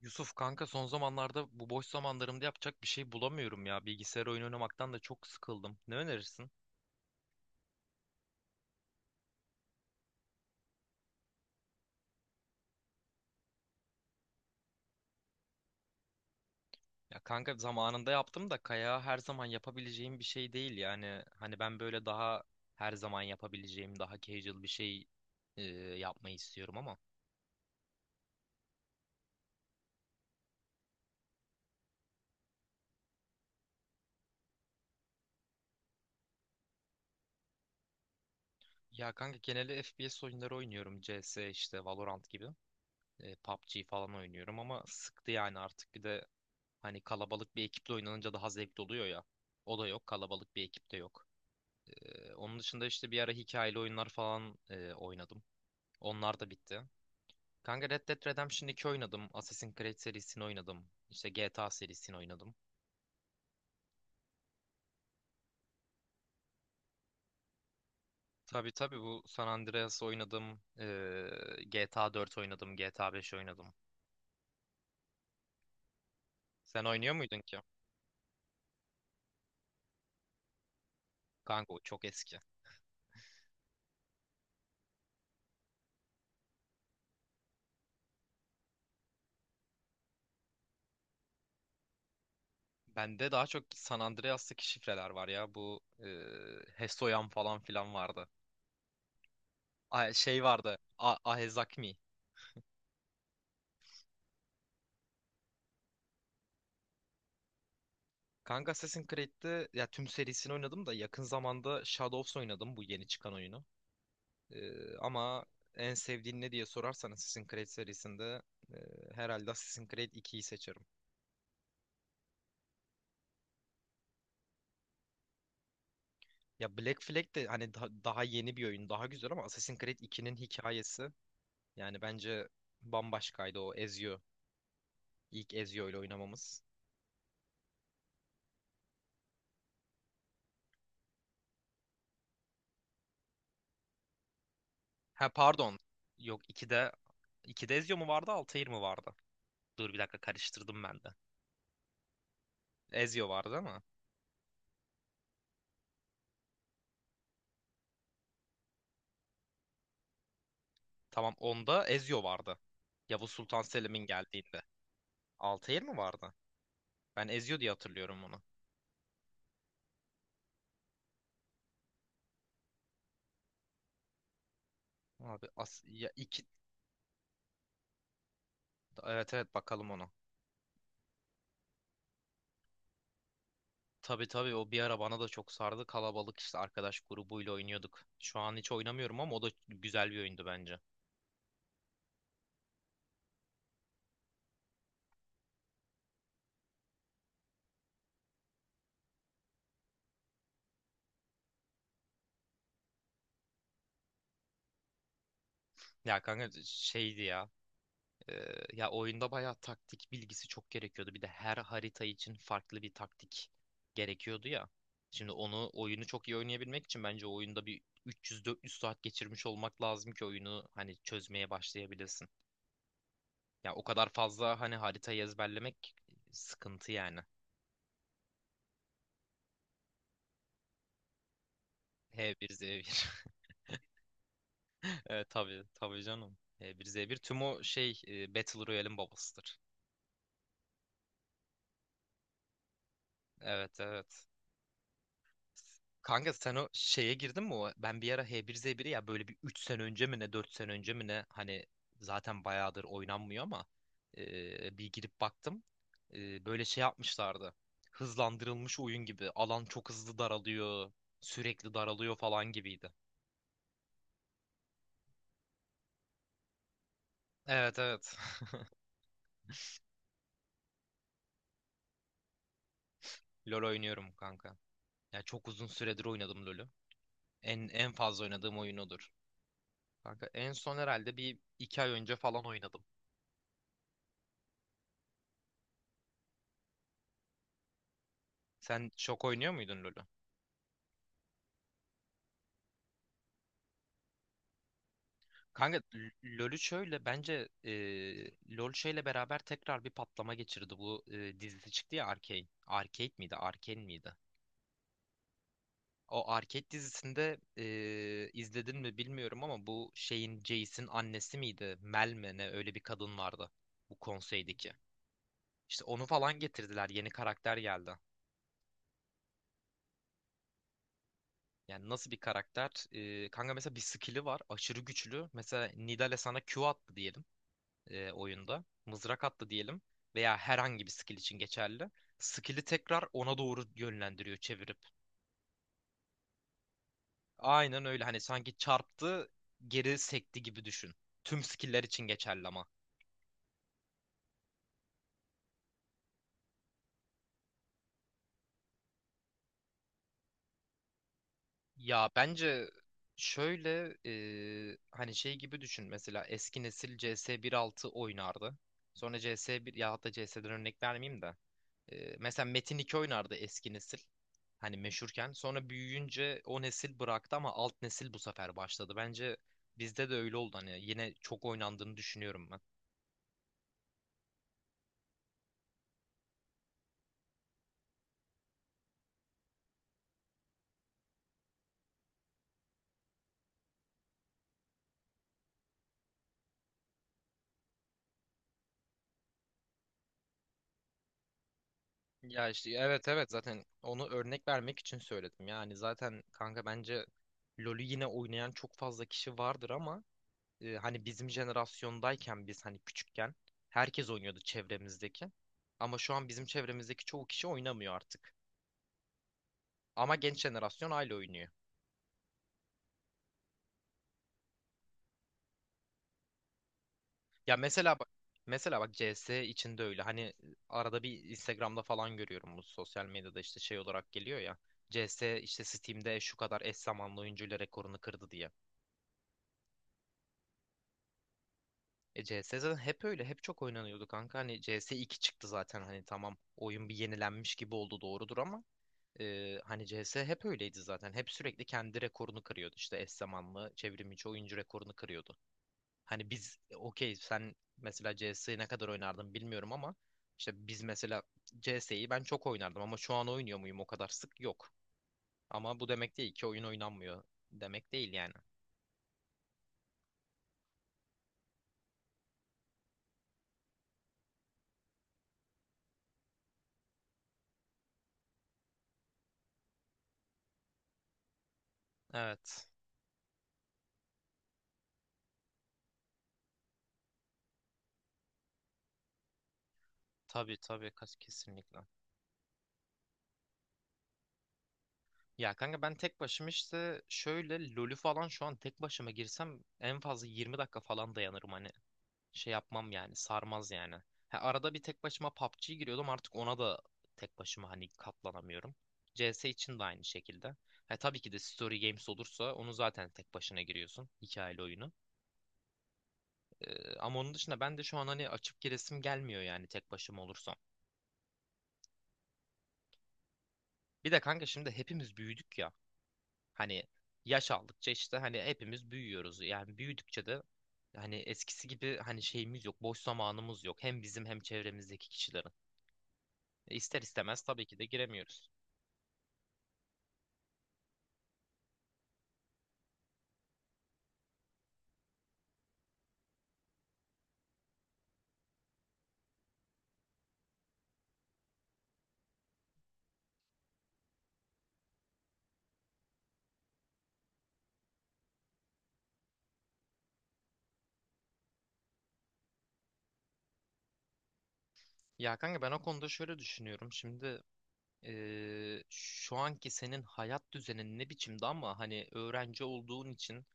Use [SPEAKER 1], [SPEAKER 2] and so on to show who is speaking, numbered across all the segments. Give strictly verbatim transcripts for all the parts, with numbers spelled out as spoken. [SPEAKER 1] Yusuf kanka son zamanlarda bu boş zamanlarımda yapacak bir şey bulamıyorum ya. Bilgisayar oyunu oynamaktan da çok sıkıldım. Ne önerirsin? Ya kanka zamanında yaptım da kayağı her zaman yapabileceğim bir şey değil yani. Hani ben böyle daha her zaman yapabileceğim daha casual bir şey e, yapmayı istiyorum ama. Ya kanka genelde F P S oyunları oynuyorum. C S işte Valorant gibi. E, P U B G falan oynuyorum ama sıktı yani artık. Bir de hani kalabalık bir ekiple oynanınca daha zevkli oluyor ya. O da yok kalabalık bir ekipte yok. Ee, onun dışında işte bir ara hikayeli oyunlar falan e, oynadım. Onlar da bitti. Kanka Red Dead Redemption iki oynadım. Assassin's Creed serisini oynadım. İşte G T A serisini oynadım. Tabii tabii bu San Andreas oynadım. Ee, G T A dört oynadım. G T A beş oynadım. Sen oynuyor muydun ki? Kanka o çok eski. Bende daha çok San Andreas'taki şifreler var ya. Bu e, Hesoyan falan filan vardı. Ay, şey vardı. A Ahezakmi. Kanka Assassin's Creed'de ya tüm serisini oynadım da yakın zamanda Shadows oynadım bu yeni çıkan oyunu. Ee, ama en sevdiğin ne diye sorarsan Assassin's Creed serisinde e, herhalde Assassin's Creed ikiyi seçerim. Ya Black Flag de hani daha, daha yeni bir oyun, daha güzel ama Assassin's Creed ikinin hikayesi yani bence bambaşkaydı o Ezio. İlk Ezio ile oynamamız. Ha pardon. Yok ikide ikide Ezio mu vardı, Altair mi vardı? Dur bir dakika karıştırdım ben de. Ezio vardı değil. Tamam onda Ezio vardı. Yavuz Sultan Selim'in geldiğinde. Altair mi vardı? Ben Ezio diye hatırlıyorum onu. Abi as ya iki evet evet bakalım onu. Tabii tabii o bir ara bana da çok sardı. Kalabalık işte arkadaş grubuyla oynuyorduk. Şu an hiç oynamıyorum ama o da güzel bir oyundu bence. Ya kanka şeydi ya. Ee, ya oyunda bayağı taktik bilgisi çok gerekiyordu. Bir de her harita için farklı bir taktik gerekiyordu ya. Şimdi onu oyunu çok iyi oynayabilmek için bence oyunda bir üç yüz dört yüz saat geçirmiş olmak lazım ki oyunu hani çözmeye başlayabilesin. Ya o kadar fazla hani haritayı ezberlemek sıkıntı yani. H bir Z bir. Evet tabii tabii canım. H bir Z bir tüm o şey e, Battle Royale'in babasıdır. Evet evet. Kanka sen o şeye girdin mi? O, ben bir ara H bir Z bir'i ya böyle bir üç sene önce mi ne dört sene önce mi ne hani zaten bayağıdır oynanmıyor ama e, bir girip baktım. E, böyle şey yapmışlardı. Hızlandırılmış oyun gibi. Alan çok hızlı daralıyor. Sürekli daralıyor falan gibiydi. Evet evet. LoL oynuyorum kanka. Ya çok uzun süredir oynadım LoL'ü. En en fazla oynadığım oyun odur. Kanka en son herhalde bir iki ay önce falan oynadım. Sen çok oynuyor muydun LoL'ü? Kanka LoL'ü şöyle bence e, LoL şeyle beraber tekrar bir patlama geçirdi. Bu e, dizisi çıktı ya Arcane. Arcade miydi? Arcane miydi? O Arcade dizisinde e, izledin mi bilmiyorum ama bu şeyin Jace'in annesi miydi? Mel mi ne öyle bir kadın vardı bu konseydeki. İşte onu falan getirdiler. Yeni karakter geldi. Yani nasıl bir karakter? E, kanka mesela bir skill'i var. Aşırı güçlü. Mesela Nidal'e sana Q attı diyelim. e, oyunda. Mızrak attı diyelim veya herhangi bir skill için geçerli. Skill'i tekrar ona doğru yönlendiriyor çevirip. Aynen öyle hani sanki çarptı geri sekti gibi düşün. Tüm skill'ler için geçerli ama. Ya bence şöyle e, hani şey gibi düşün mesela eski nesil C S bir nokta altı oynardı. Sonra C S bir ya hatta C S'den örnek vermeyeyim de. e, mesela Metin iki oynardı eski nesil. Hani meşhurken. Sonra büyüyünce o nesil bıraktı ama alt nesil bu sefer başladı. Bence bizde de öyle oldu. Hani yine çok oynandığını düşünüyorum ben. Ya işte evet evet zaten onu örnek vermek için söyledim. Yani zaten kanka bence LoL'ü yine oynayan çok fazla kişi vardır ama e, hani bizim jenerasyondayken biz hani küçükken herkes oynuyordu çevremizdeki. Ama şu an bizim çevremizdeki çoğu kişi oynamıyor artık. Ama genç jenerasyon hala oynuyor. Ya mesela bak mesela bak C S içinde öyle. Hani arada bir Instagram'da falan görüyorum bu sosyal medyada işte şey olarak geliyor ya. C S işte Steam'de şu kadar eş zamanlı oyuncuyla rekorunu kırdı diye. E, C S zaten hep öyle. Hep çok oynanıyordu kanka. Hani CS iki çıktı zaten hani tamam. Oyun bir yenilenmiş gibi oldu doğrudur ama e, hani C S hep öyleydi zaten. Hep sürekli kendi rekorunu kırıyordu. İşte eş zamanlı çevrim içi oyuncu rekorunu kırıyordu. Hani biz e, okey sen mesela C S'yi ne kadar oynardın bilmiyorum ama işte biz mesela C S'yi ben çok oynardım ama şu an oynuyor muyum o kadar sık yok. Ama bu demek değil ki oyun oynanmıyor demek değil yani. Evet. Tabii tabii kas kesinlikle. Ya kanka ben tek başıma işte şöyle LoL'ü falan şu an tek başıma girsem en fazla yirmi dakika falan dayanırım hani şey yapmam yani sarmaz yani. Ha, arada bir tek başıma P U B G'ye giriyordum artık ona da tek başıma hani katlanamıyorum. C S için de aynı şekilde. Ha, tabii ki de Story Games olursa onu zaten tek başına giriyorsun hikayeli oyunu. Ee, ama onun dışında ben de şu an hani açıp giresim gelmiyor yani tek başıma olursam. Bir de kanka şimdi hepimiz büyüdük ya. Hani yaş aldıkça işte hani hepimiz büyüyoruz. Yani büyüdükçe de hani eskisi gibi hani şeyimiz yok, boş zamanımız yok. Hem bizim hem çevremizdeki kişilerin. E ister istemez tabii ki de giremiyoruz. Ya kanka ben o konuda şöyle düşünüyorum. Şimdi eee, şu anki senin hayat düzenin ne biçimde ama hani öğrenci olduğun için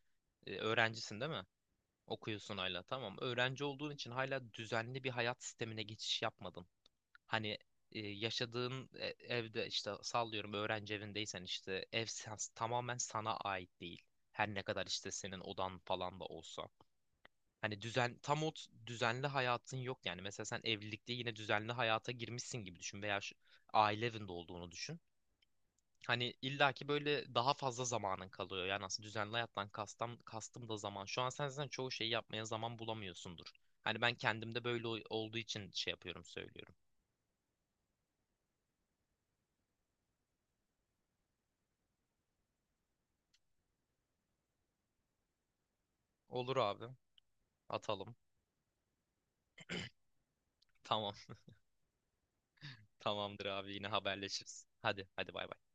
[SPEAKER 1] e, öğrencisin değil mi? Okuyorsun hala tamam. Öğrenci olduğun için hala düzenli bir hayat sistemine geçiş yapmadın. Hani e, yaşadığın e- evde işte sallıyorum öğrenci evindeysen işte ev sen- tamamen sana ait değil. Her ne kadar işte senin odan falan da olsa. Hani düzen tam o t- düzenli hayatın yok yani. Mesela sen evlilikte yine düzenli hayata girmişsin gibi düşün veya şu, aile evinde olduğunu düşün. Hani illaki böyle daha fazla zamanın kalıyor. Yani aslında düzenli hayattan kastım, kastım da zaman. Şu an sen zaten çoğu şeyi yapmaya zaman bulamıyorsundur. Hani ben kendimde böyle o- olduğu için şey yapıyorum söylüyorum. Olur abi atalım. Tamam. Tamamdır abi yine haberleşiriz. Hadi hadi bay bay.